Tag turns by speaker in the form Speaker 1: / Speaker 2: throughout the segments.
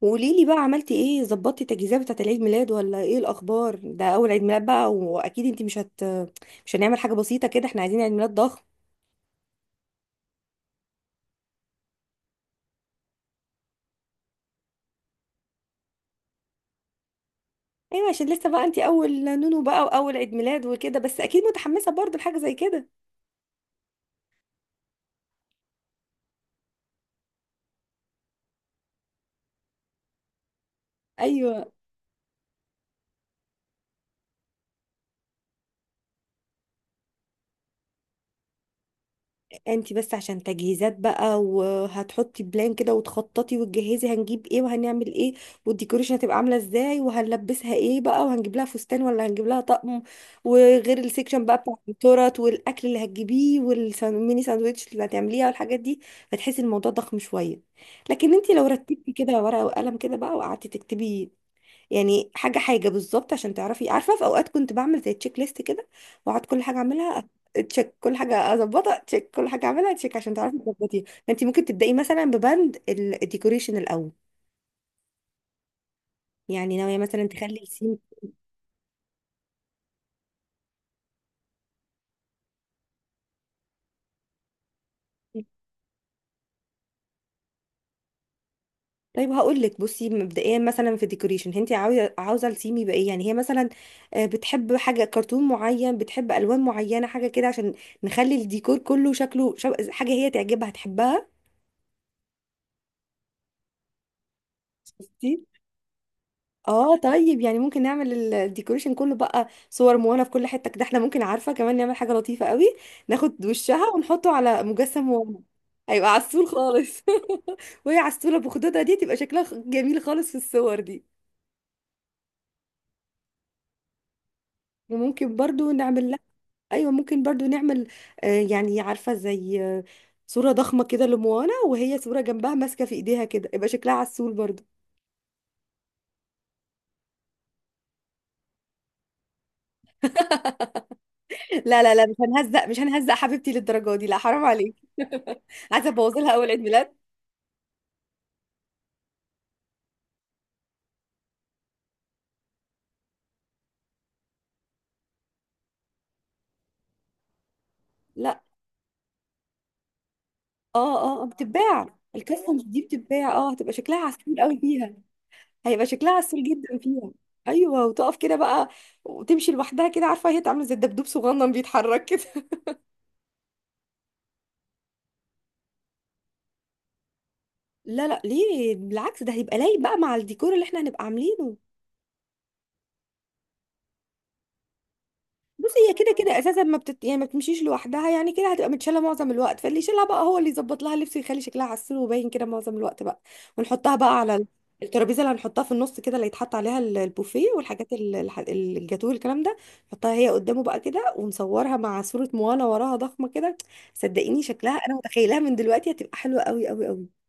Speaker 1: وقولي لي بقى، عملتي ايه؟ ظبطتي التجهيزات بتاعت العيد ميلاد ولا ايه الاخبار؟ ده اول عيد ميلاد بقى، واكيد انت مش هنعمل حاجه بسيطه كده، احنا عايزين عيد ميلاد ضخم. ايوه، عشان لسه بقى انت اول نونو بقى واول عيد ميلاد وكده، بس اكيد متحمسه برضه لحاجه زي كده. ايوه، انت بس عشان تجهيزات بقى وهتحطي بلان كده وتخططي وتجهزي، هنجيب ايه وهنعمل ايه والديكوريشن هتبقى عامله ازاي وهنلبسها ايه بقى، وهنجيب لها فستان ولا هنجيب لها طقم، وغير السيكشن بقى بتاع التورت والاكل اللي هتجيبيه والميني ساندوتش اللي هتعمليها والحاجات دي، فتحسي الموضوع ضخم شويه. لكن انت لو رتبتي كده ورقه وقلم كده بقى وقعدتي تكتبي، يعني حاجه حاجه بالظبط، عشان تعرفي. عارفه، في اوقات كنت بعمل زي تشيك ليست كده، واقعد كل حاجه اعملها تشيك، كل حاجه اظبطها تشيك، كل حاجه اعملها تشيك، عشان تعرفي تظبطيها. فانت ممكن تبداي مثلا ببند الديكوريشن الاول. يعني ناويه مثلا تخلي السيم؟ طيب هقول لك، بصي، مبدئيا مثلا في الديكوريشن، انت عاوزه السيم يبقى ايه؟ يعني هي مثلا بتحب حاجه كرتون معين، بتحب الوان معينه، حاجه كده عشان نخلي الديكور كله شكله حاجه هي تعجبها تحبها. اه طيب، يعني ممكن نعمل الديكوريشن كله بقى صور موانا في كل حتة كده. احنا ممكن، عارفة، كمان نعمل حاجة لطيفة قوي، ناخد وشها ونحطه على مجسم موانا، هيبقى عسول خالص. وهي عسولة بخدودها دي تبقى شكلها جميل خالص في الصور دي. وممكن برضو نعمل لها، ايوه ممكن برضو نعمل، يعني عارفة زي صورة ضخمة كده لموانا، وهي صورة جنبها ماسكة في ايديها كده، يبقى شكلها عسول برضو. لا لا لا، مش هنهزق، مش هنهزق حبيبتي للدرجة دي، لا حرام عليك. عايزة ابوظ لها اول عيد ميلاد. لا. اه اه، بتتباع الكاستمز دي، بتتباع، هتبقى شكلها عسول قوي فيها. هيبقى شكلها عسول جدا فيها. ايوه، وتقف كده بقى وتمشي لوحدها كده. عارفه هي تعمل زي الدبدوب صغنن بيتحرك كده. لا لا، ليه؟ بالعكس، ده هيبقى لايق بقى مع الديكور اللي احنا هنبقى عاملينه. بصي، هي كده كده اساسا ما بتت... يعني ما بتمشيش لوحدها، يعني كده هتبقى متشاله معظم الوقت، فاللي يشيلها بقى هو اللي يظبط لها اللبس ويخلي شكلها عسول وباين كده معظم الوقت بقى. ونحطها بقى على الترابيزه اللي هنحطها في النص كده، اللي يتحط عليها البوفيه والحاجات الجاتوه والكلام ده. نحطها هي قدامه بقى كده ونصورها مع صوره موانا وراها ضخمه كده. صدقيني شكلها، انا متخيلها من دلوقتي هتبقى حلوه قوي قوي قوي.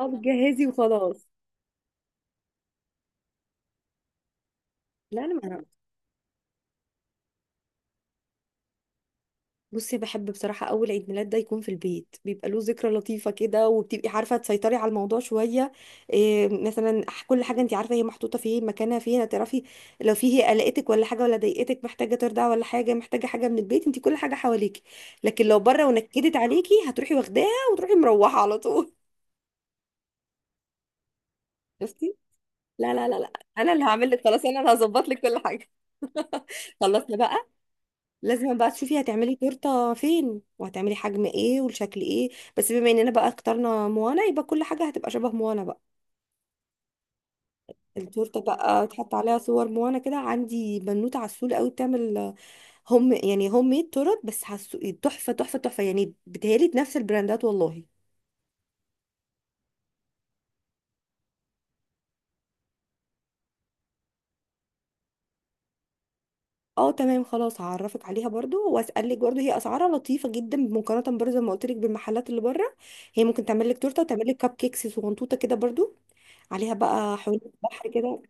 Speaker 1: اه، بتجهزي وخلاص. لا، انا، بصي، بحب بصراحة أول عيد ميلاد ده يكون في البيت، بيبقى له ذكرى لطيفة كده، وبتبقي عارفة تسيطري على الموضوع شوية. إيه مثلا، كل حاجة أنت عارفة هي محطوطة فين، مكانها فين هتعرفي. لو في هي قلقتك ولا حاجة، ولا ضايقتك محتاجة ترضع ولا حاجة، محتاجة حاجة من البيت، أنت كل حاجة حواليكي. لكن لو بره ونكدت عليكي، هتروحي واخداها وتروحي مروحة على طول. شفتي؟ لا لا لا لا، أنا اللي هعمل لك، خلاص، أنا اللي هظبط لك كل حاجة. خلصنا بقى. لازم بقى تشوفي هتعملي تورته فين وهتعملي حجم ايه والشكل ايه. بس بما اننا بقى اخترنا موانا، يبقى كل حاجه هتبقى شبه موانا بقى. التورته بقى تحط عليها صور موانا كده. عندي بنوته عسول قوي بتعمل يعني هوم ميد تورت، بس حسو تحفه تحفه تحفه، يعني بتهيالي نفس البراندات والله. اه تمام، خلاص هعرفك عليها برضو واسالك برضو، هي اسعارها لطيفه جدا، مقارنه برضو زي ما قلت لك بالمحلات اللي بره. هي ممكن تعمل لك تورته وتعمل لك كب كيكس صغنطوطه كده برضو، عليها بقى حلوة بحر كده،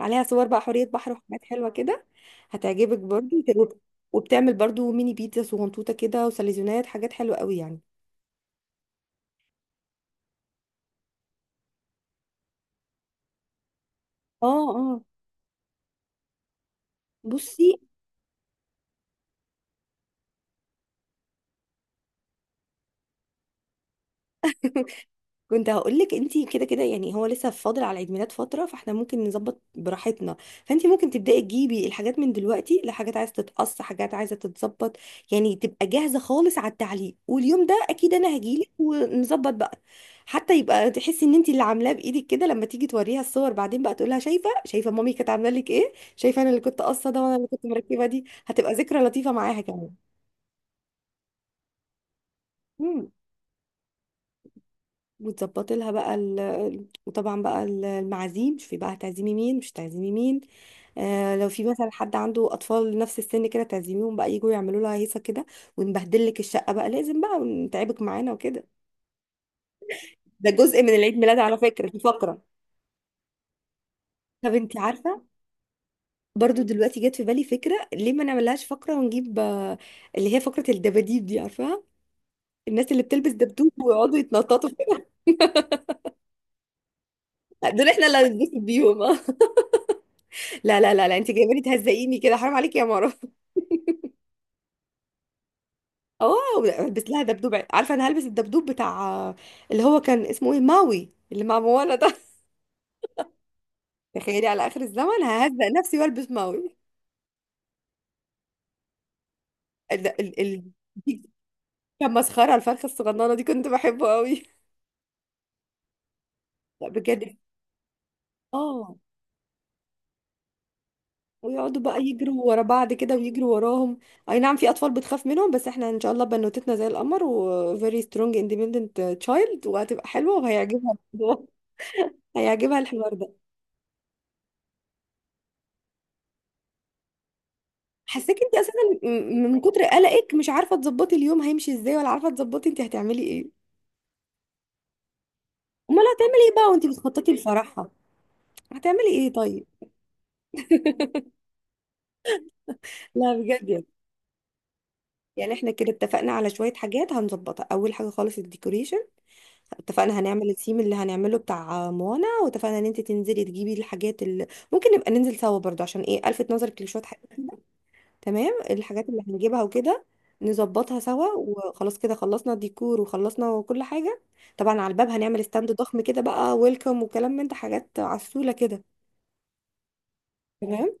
Speaker 1: عليها صور بقى حورية بحر وحاجات حلوة كده، هتعجبك برضو وبتعمل برضو ميني بيتزا صغنطوطة كده وسليزونات، حاجات حلوة قوي يعني. اه اه، بصي، كنت هقولك انتي كده كده، يعني هو لسه فاضل على عيد ميلاد فترة، فاحنا ممكن نظبط براحتنا. فانتي ممكن تبدأي تجيبي الحاجات من دلوقتي، لحاجات عايزة تتقص، حاجات عايزة تتظبط، يعني تبقى جاهزة خالص على التعليق. واليوم ده اكيد انا هجيلك ونظبط بقى، حتى يبقى تحسي ان انتي اللي عاملاه بايدك كده، لما تيجي توريها الصور بعدين بقى تقولها شايفة، شايفة مامي كانت عاملة لك ايه، شايفة انا اللي كنت قاصة ده، وانا اللي كنت مركبة دي، هتبقى ذكرى لطيفة معاها كمان. إمم. وتظبطي لها بقى وطبعا بقى المعازيم. شوفي بقى هتعزمي مين مش هتعزمي مين. لو في مثلا حد عنده اطفال نفس السن كده تعزميهم بقى يجوا يعملوا لها هيصه كده. ونبهدل لك الشقه بقى، لازم بقى نتعبك معانا وكده، ده جزء من العيد ميلاد على فكره، دي فقره. طب انت عارفه، برضو دلوقتي جت في بالي فكره، ليه ما نعملهاش فقره ونجيب، اللي هي فقره الدباديب دي، عارفاها، الناس اللي بتلبس دبدوب ويقعدوا يتنططوا. دول احنا اللي هنتبسط بيهم. لا لا لا لا، انت جايباني تهزقيني كده، حرام عليكي يا مرة. اه، هلبس لها دبدوب. عارفه انا هلبس الدبدوب بتاع، اللي هو كان اسمه ايه، ماوي، اللي مع موانا ده. تخيلي على اخر الزمن ههزق نفسي والبس ماوي. ال ال ال دي، كان مسخره الفرخه الصغننه دي، كنت بحبه قوي. لا بجد. اه، ويقعدوا بقى يجروا ورا بعض كده ويجروا وراهم. اي نعم، في اطفال بتخاف منهم، بس احنا ان شاء الله بنوتتنا زي القمر و very strong independent child، وهتبقى حلوه وهيعجبها الموضوع. هيعجبها الحوار ده. حساك انت اساسا، من كتر قلقك مش عارفه تظبطي اليوم هيمشي ازاي، ولا عارفه تظبطي انت هتعملي ايه. امال هتعملي ايه بقى وانت بتخططي الفرحه؟ هتعملي ايه طيب؟ لا بجد يعني احنا كده اتفقنا على شويه حاجات هنظبطها. اول حاجه خالص الديكوريشن، اتفقنا هنعمل الثيم اللي هنعمله بتاع موانا، واتفقنا ان انت تنزلي تجيبي الحاجات اللي، ممكن نبقى ننزل سوا برضه، عشان ايه، الفت نظرك لشويه حاجات، تمام، الحاجات اللي هنجيبها وكده، نظبطها سوا وخلاص. كده خلصنا الديكور وخلصنا كل حاجة. طبعا على الباب هنعمل ستاند ضخم كده بقى، ويلكم وكلام من ده، حاجات عسولة كده. تمام.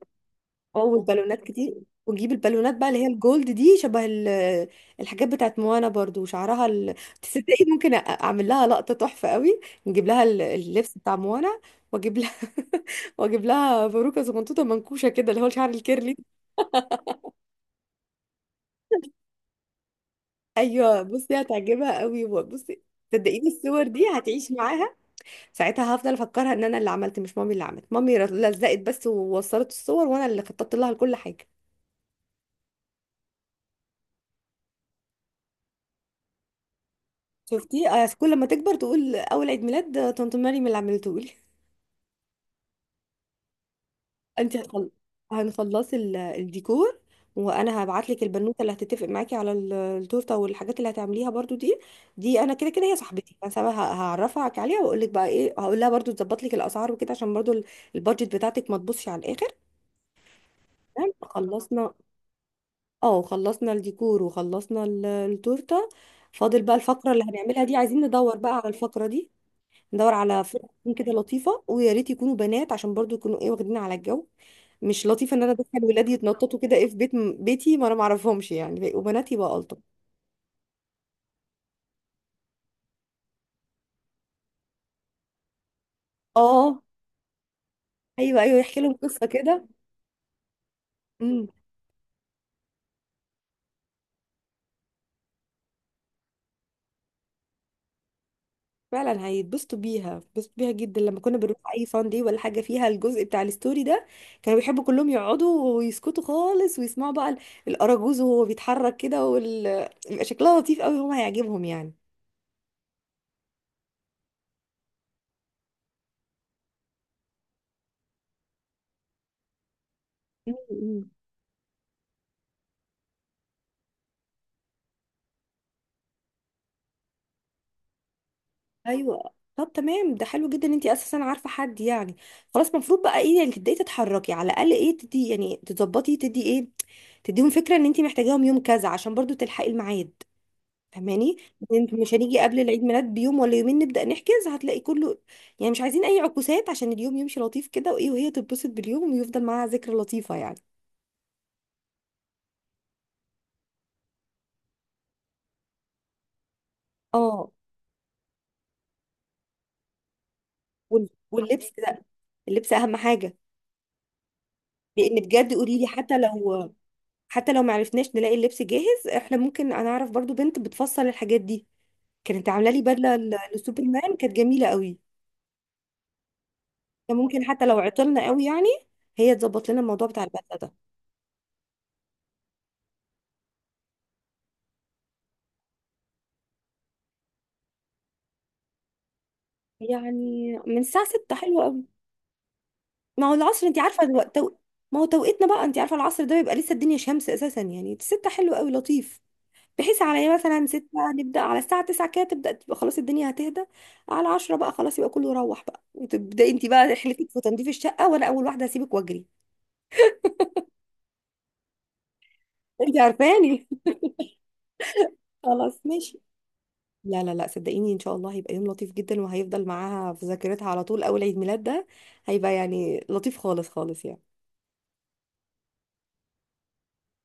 Speaker 1: اه والبالونات كتير، ونجيب البالونات بقى اللي هي الجولد دي شبه الحاجات بتاعت موانا برضو، وشعرها تصدقي ممكن اعمل لها لقطة تحفة قوي، نجيب لها اللبس بتاع موانا، واجيب لها، واجيب لها باروكة صغنطوطة منكوشة كده، اللي هو الشعر الكيرلي. ايوه، بصي هتعجبها قوي، بصي صدقيني الصور دي هتعيش معاها. ساعتها هفضل افكرها ان انا اللي عملت، مش مامي اللي عملت، مامي لزقت بس ووصلت الصور، وانا اللي خططت لها لكل حاجه. شفتي؟ كل ما تكبر تقول اول عيد ميلاد طنط مريم اللي عملته لي. انت هتخل... هنخلصي الديكور، وانا هبعت لك البنوته اللي هتتفق معاكي على التورته والحاجات اللي هتعمليها برضو دي. دي انا كده كده هي صاحبتي، بس انا هعرفها عليها واقول لك بقى ايه. هقول لها برضو تظبط لك الاسعار وكده، عشان برضو البادجت بتاعتك ما تبصش على الاخر. تمام، خلصنا. اه، خلصنا الديكور وخلصنا التورته. فاضل بقى الفقره اللي هنعملها دي، عايزين ندور بقى على الفقره دي. ندور على فرق تكون كده لطيفه، ويا ريت يكونوا بنات، عشان برضو يكونوا، ايه، واخدين على الجو. مش لطيفه ان انا ادخل ولادي يتنططوا كده، ايه، في بيت، بيتي، ما انا ما اعرفهمش يعني، وبناتي بقى الطف. اه. ايوه ايوه، يحكي لهم قصه كده. امم فعلا هيتبسطوا بيها، بيتبسطوا بيها جدا. لما كنا بنروح اي فان دي ولا حاجه فيها الجزء بتاع الستوري ده، كانوا بيحبوا كلهم يقعدوا ويسكتوا خالص ويسمعوا بقى الاراجوز، وهو بيتحرك كده بيبقى شكلها لطيف قوي، هم هيعجبهم يعني. أمم. ايوه طب تمام، ده حلو جدا ان انت اساسا عارفه حد يعني. خلاص، المفروض بقى ايه، يعني تبداي تتحركي على الاقل، ايه، تدي يعني، تظبطي، تدي، ايه، تديهم فكره ان انت محتاجاهم يوم كذا، عشان برضو تلحقي الميعاد، فاهماني؟ انت مش هنيجي قبل العيد ميلاد بيوم ولا يومين نبدا نحجز، هتلاقي كله، يعني مش عايزين اي عكوسات، عشان اليوم يمشي لطيف كده وايه، وهي تتبسط باليوم ويفضل معاها ذكرى لطيفه يعني. اه. واللبس ده، اللبس اهم حاجه. لان بجد قولي لي، حتى لو معرفناش نلاقي اللبس جاهز، احنا ممكن، انا اعرف برضو بنت بتفصل الحاجات دي، كانت عامله لي بدله لسوبرمان كانت جميله قوي. فممكن حتى لو عطلنا قوي يعني، هي تظبط لنا الموضوع بتاع البدله ده. يعني من الساعه 6 حلوه قوي. ما هو العصر، انت عارفه الوقت ما هو توقيتنا بقى، انت عارفه العصر ده بيبقى لسه الدنيا شمس اساسا، يعني 6 حلو قوي لطيف، بحيث على ايه مثلا 6 نبدا، على الساعه 9 كده تبدا تبقى خلاص الدنيا هتهدى، على 10 بقى خلاص يبقى كله يروح بقى، وتبداي انت بقى رحلتك في تنظيف الشقه، وانا اول واحده هسيبك واجري. انت عارفاني. خلاص ماشي. لا لا لا، صدقيني ان شاء الله هيبقى يوم لطيف جدا، وهيفضل معاها في ذاكرتها على طول اول عيد ميلاد ده، هيبقى يعني لطيف خالص خالص يعني.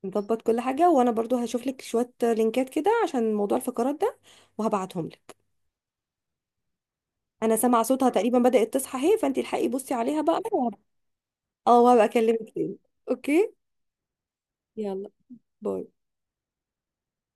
Speaker 1: نظبط كل حاجة، وانا برضو هشوف لك شوية لينكات كده عشان موضوع الفقرات ده وهبعتهم لك. انا سامعة صوتها تقريبا بدأت تصحى اهي، فانت الحقي بصي عليها بقى، اه، وهبقى اكلمك تاني. اوكي، يلا، باي.